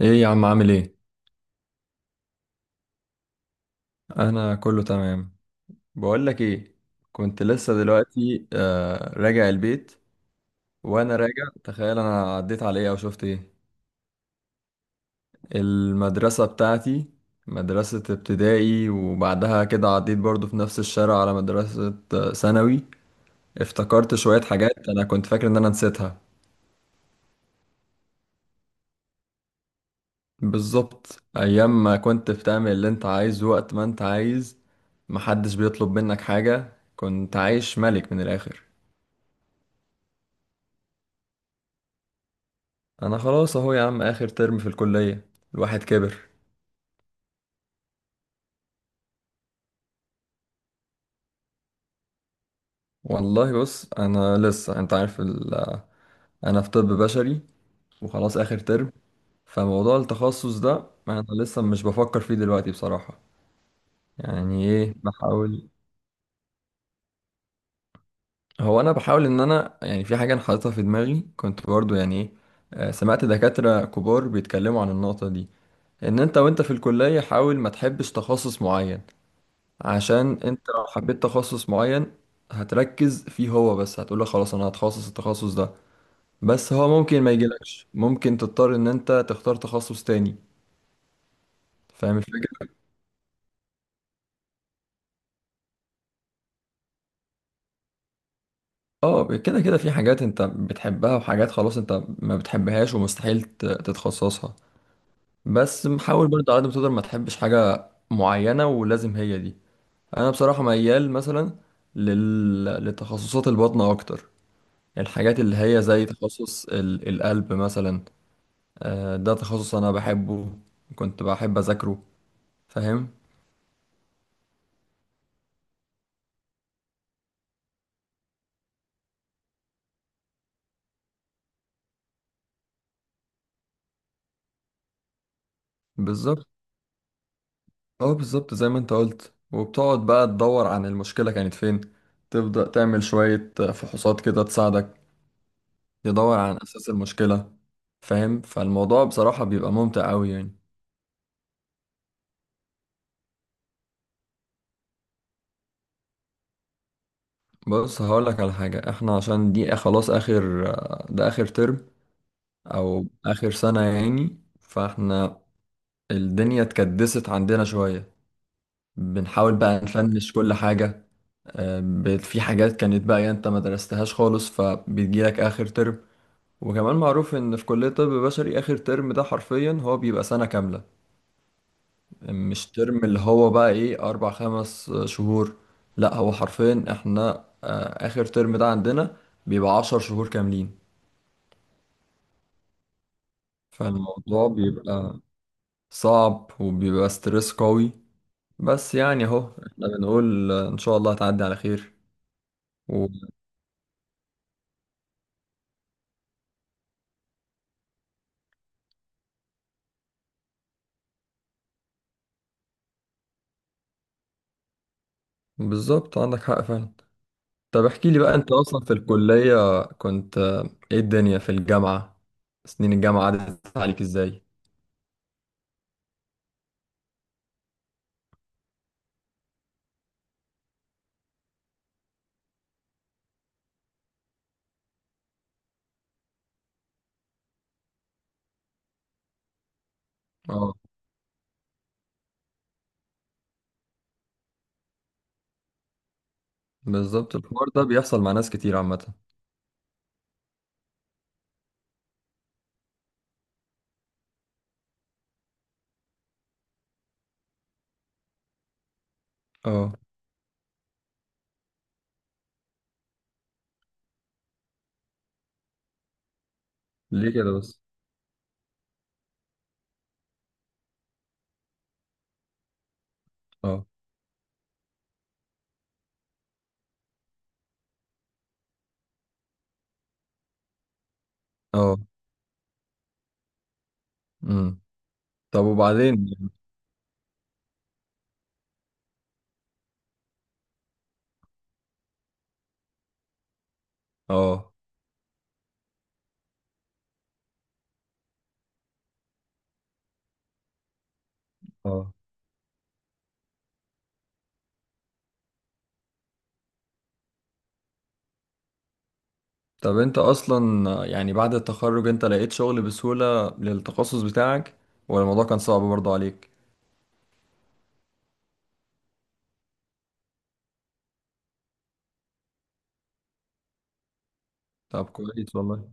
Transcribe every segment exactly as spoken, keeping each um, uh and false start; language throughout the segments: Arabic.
ايه يا عم، عامل ايه؟ انا كله تمام. بقول لك ايه، كنت لسه دلوقتي آه راجع البيت. وانا راجع تخيل انا عديت على ايه او شفت ايه؟ المدرسة بتاعتي، مدرسة ابتدائي. وبعدها كده عديت برضو في نفس الشارع على مدرسة آه، ثانوي. افتكرت شوية حاجات انا كنت فاكر ان انا نسيتها. بالظبط، ايام ما كنت بتعمل اللي انت عايزه وقت ما انت عايز، محدش بيطلب منك حاجة، كنت عايش ملك من الاخر. انا خلاص اهو يا عم، اخر ترم في الكلية، الواحد كبر. والله بص، انا لسه انت عارف ال... انا في طب بشري وخلاص اخر ترم، فموضوع التخصص ده انا لسه مش بفكر فيه دلوقتي بصراحة. يعني ايه، بحاول. هو انا بحاول ان انا يعني في حاجة انا حاططها في دماغي، كنت برضو يعني ايه، آه، سمعت دكاترة كبار بيتكلموا عن النقطة دي: ان انت وانت في الكلية حاول ما تحبش تخصص معين، عشان انت لو حبيت تخصص معين هتركز فيه هو بس، هتقول له خلاص انا هتخصص التخصص ده، بس هو ممكن ما يجيلكش، ممكن تضطر ان انت تختار تخصص تاني. فاهم الفكرة؟ اه، كده كده في حاجات انت بتحبها وحاجات خلاص انت ما بتحبهاش ومستحيل ت- تتخصصها. بس حاول برضه على قد ما تقدر ما تحبش حاجة معينة ولازم هي دي. انا بصراحة ميال مثلا لل... لتخصصات البطنة اكتر، الحاجات اللي هي زي تخصص ال- القلب مثلا. آه، ده تخصص انا بحبه، كنت بحب اذاكره. فاهم. بالظبط. اه بالظبط، زي ما انت قلت، وبتقعد بقى تدور عن المشكلة كانت فين، تبدأ تعمل شوية فحوصات كده تساعدك تدور عن اساس المشكلة، فاهم. فالموضوع بصراحة بيبقى ممتع قوي يعني. بص هقولك على حاجة، احنا عشان دي خلاص اخر آه، ده اخر ترم او اخر سنة يعني، فاحنا الدنيا اتكدست عندنا شوية، بنحاول بقى نفنش كل حاجة. بقت في حاجات كانت بقى يعني انت ما درستهاش خالص فبتجيلك اخر ترم. وكمان معروف ان في كلية طب بشري اخر ترم ده حرفيا هو بيبقى سنة كاملة، مش ترم اللي هو بقى ايه، اربع خمس شهور. لا هو حرفيا احنا، آه، اخر ترم ده عندنا بيبقى عشر شهور كاملين. فالموضوع بيبقى صعب وبيبقى ستريس قوي، بس يعني اهو، احنا بنقول آه، ان شاء الله هتعدي على خير. وبالظبط عندك حق فعلا. طب احكي لي بقى، انت اصلا في الكلية كنت آه، ايه الدنيا في الجامعة؟ سنين الجامعة عدت عليك ازاي؟ اه بالظبط، الحوار ده بيحصل مع ناس كتير عامة. اه. ليه كده بس؟ اه. اه. امم. طب وبعدين؟ اه. اه. طب انت اصلا آه، يعني بعد التخرج انت لقيت شغل بسهولة للتخصص بتاعك، ولا الموضوع كان صعب برضه عليك؟ طب كويس والله.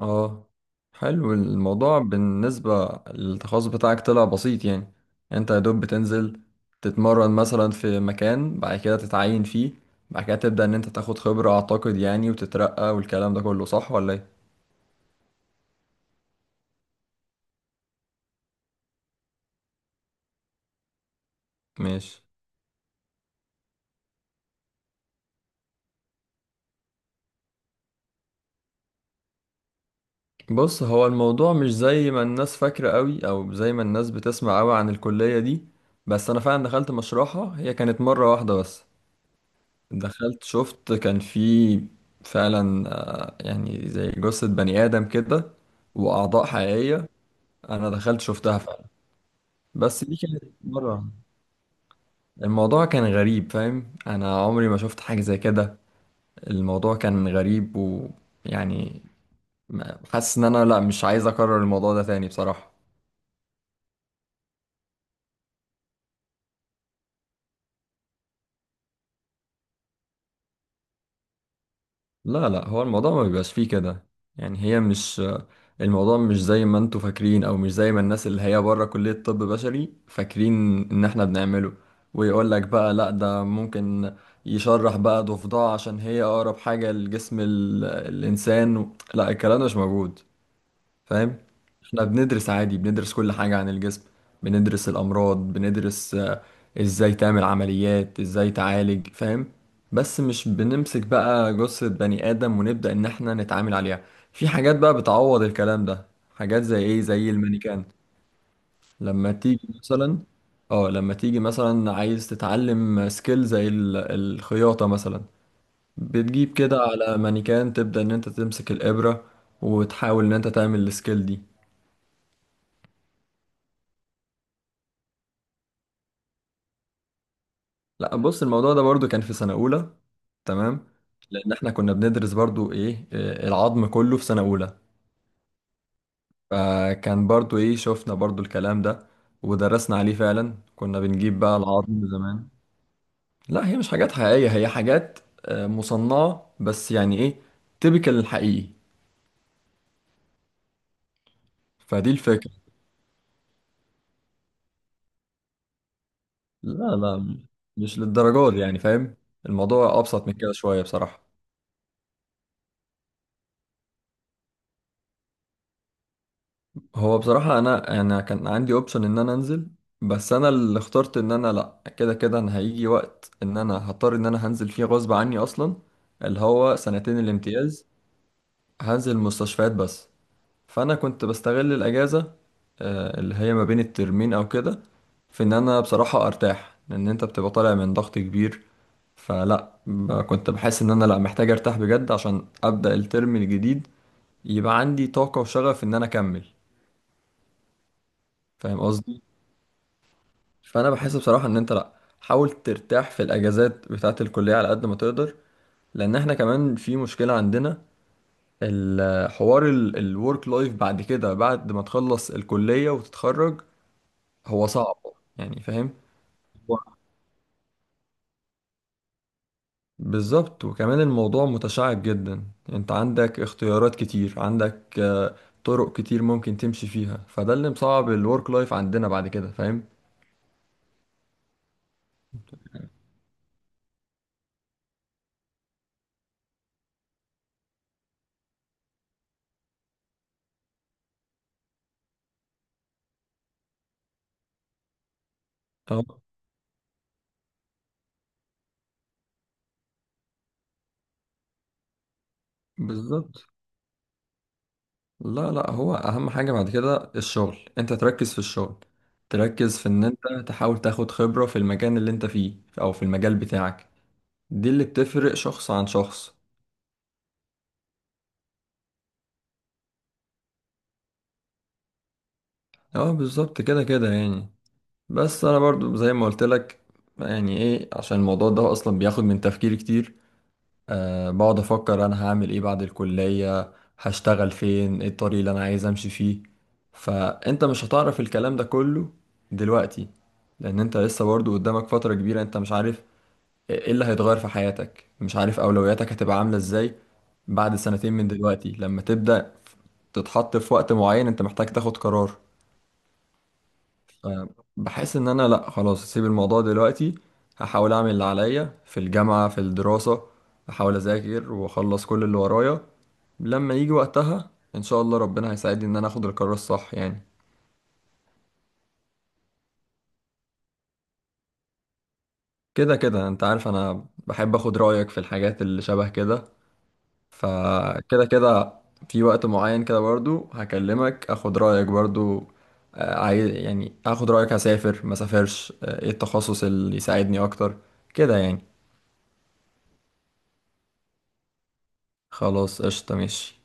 اه، حلو. الموضوع بالنسبة للتخصص بتاعك طلع بسيط يعني. يعني انت يا دوب بتنزل تتمرن مثلا في مكان، بعد كده تتعين فيه، بعد كده تبدأ ان انت تاخد خبرة اعتقد يعني وتترقى والكلام ده كله، صح ولا ايه؟ ماشي. بص هو الموضوع مش زي ما الناس فاكرة قوي او زي ما الناس بتسمع قوي عن الكلية دي. بس انا فعلا دخلت مشروعها، هي كانت مرة واحدة بس. دخلت شفت كان في فعلا آه، يعني زي جثة بني آدم كده وأعضاء حقيقية. أنا دخلت شفتها فعلا، بس دي كانت مرة. الموضوع كان غريب، فاهم، أنا عمري ما شفت حاجة زي كده. الموضوع كان غريب ويعني ما- حاسس إن أنا لأ، مش عايز أكرر الموضوع ده تاني بصراحة. لا لا، هو الموضوع ما بيبقاش فيه كده، يعني هي مش، الموضوع مش زي ما انتوا فاكرين او مش زي ما الناس اللي هي بره كلية طب بشري فاكرين ان احنا بنعمله. ويقول لك بقى لا، ده ممكن يشرح بقى ضفدع عشان هي اقرب حاجة لجسم ال... الانسان. لا الكلام ده مش موجود، فاهم. احنا بندرس عادي، بندرس كل حاجة عن الجسم، بندرس الأمراض، بندرس آه، ازاي تعمل عمليات، ازاي تعالج، فاهم. بس مش بنمسك بقى جثة بني آدم ونبدأ إن احنا نتعامل عليها. في حاجات بقى بتعوض الكلام ده، حاجات زي ايه، زي المانيكان. لما تيجي مثلا. اه لما تيجي مثلا عايز تتعلم سكيل زي ال- الخياطة مثلا، بتجيب كده على مانيكان، تبدأ إن انت تمسك الإبرة وتحاول إن انت تعمل السكيل دي. لا بص، الموضوع ده برضو كان في سنة أولى، تمام. لأن احنا كنا بندرس برضو إيه آه، العظم كله في سنة أولى. فكان برضو إيه شفنا برضو الكلام ده ودرسنا عليه، فعلا كنا بنجيب بقى العظم زمان. لا هي مش حاجات حقيقية، هي حاجات آه، مصنعة بس، يعني إيه تبكل الحقيقي. فدي الفكرة. لا لا، مش للدرجات دي، يعني فاهم، الموضوع أبسط من كده شوية بصراحة. هو بصراحة أنا أنا كان عندي أوبشن إن أنا أنزل، بس أنا اللي اخترت إن أنا لأ، كده كده أنا هيجي وقت إن أنا هضطر إن أنا هنزل فيه غصب عني أصلا، اللي هو سنتين الامتياز. هنزل مستشفيات بس. فأنا كنت بستغل الأجازة آه، اللي هي ما بين الترمين أو كده، في إن أنا بصراحة أرتاح، لأن أنت بتبقى طالع من ضغط كبير. فلا ب- كنت بحس إن أنا لأ محتاج أرتاح بجد، عشان أبدأ الترم الجديد يبقى عندي طاقة وشغف إن أنا أكمل. فاهم قصدي؟ فانا بحس بصراحه ان انت لا، حاول ترتاح في الاجازات بتاعه الكليه على قد ما تقدر، لان احنا كمان في مشكله عندنا: الحوار الورك لايف بعد كده، بعد ما تخلص الكليه وتتخرج، هو صعب، يعني فاهم. بالظبط، وكمان الموضوع متشعب جدا، انت عندك اختيارات كتير، عندك آه، طرق كتير ممكن تمشي فيها، فده اللي مصعب الورك لايف عندنا بعد كده، فاهم. اه بالظبط. لا لا، هو اهم حاجة بعد كده الشغل، انت تركز في الشغل، تركز في ان انت تحاول تاخد خبرة في المكان اللي انت فيه او في المجال بتاعك. دي اللي بتفرق شخص عن شخص. اه بالظبط كده كده يعني. بس انا برضو زي ما قلت لك، يعني ايه، عشان الموضوع ده اصلا بياخد من تفكيري كتير. أه بقعد أفكر أنا هعمل إيه بعد الكلية، هشتغل فين، إيه الطريق اللي أنا عايز أمشي فيه. فأنت مش هتعرف الكلام ده كله دلوقتي، لأن أنت لسه برضه قدامك فترة كبيرة، أنت مش عارف إيه اللي هيتغير في حياتك، مش عارف أولوياتك هتبقى عاملة إزاي بعد سنتين من دلوقتي، لما تبدأ تتحط في وقت معين أنت محتاج تاخد قرار. آه، بحس ان انا لا، خلاص اسيب الموضوع دلوقتي، هحاول اعمل اللي عليا في الجامعة في الدراسة، احاول اذاكر واخلص كل اللي ورايا. لما يجي وقتها ان شاء الله ربنا هيساعدني ان انا اخد القرار الصح يعني. كده كده انت عارف انا بحب اخد رأيك في الحاجات اللي شبه كده، فكده كده في وقت معين كده برضو هكلمك اخد رأيك برضو. آه، عايز يعني اخد رأيك، هسافر ما سافرش، آه، ايه التخصص اللي يساعدني اكتر، كده يعني. خلاص قشطة ماشي.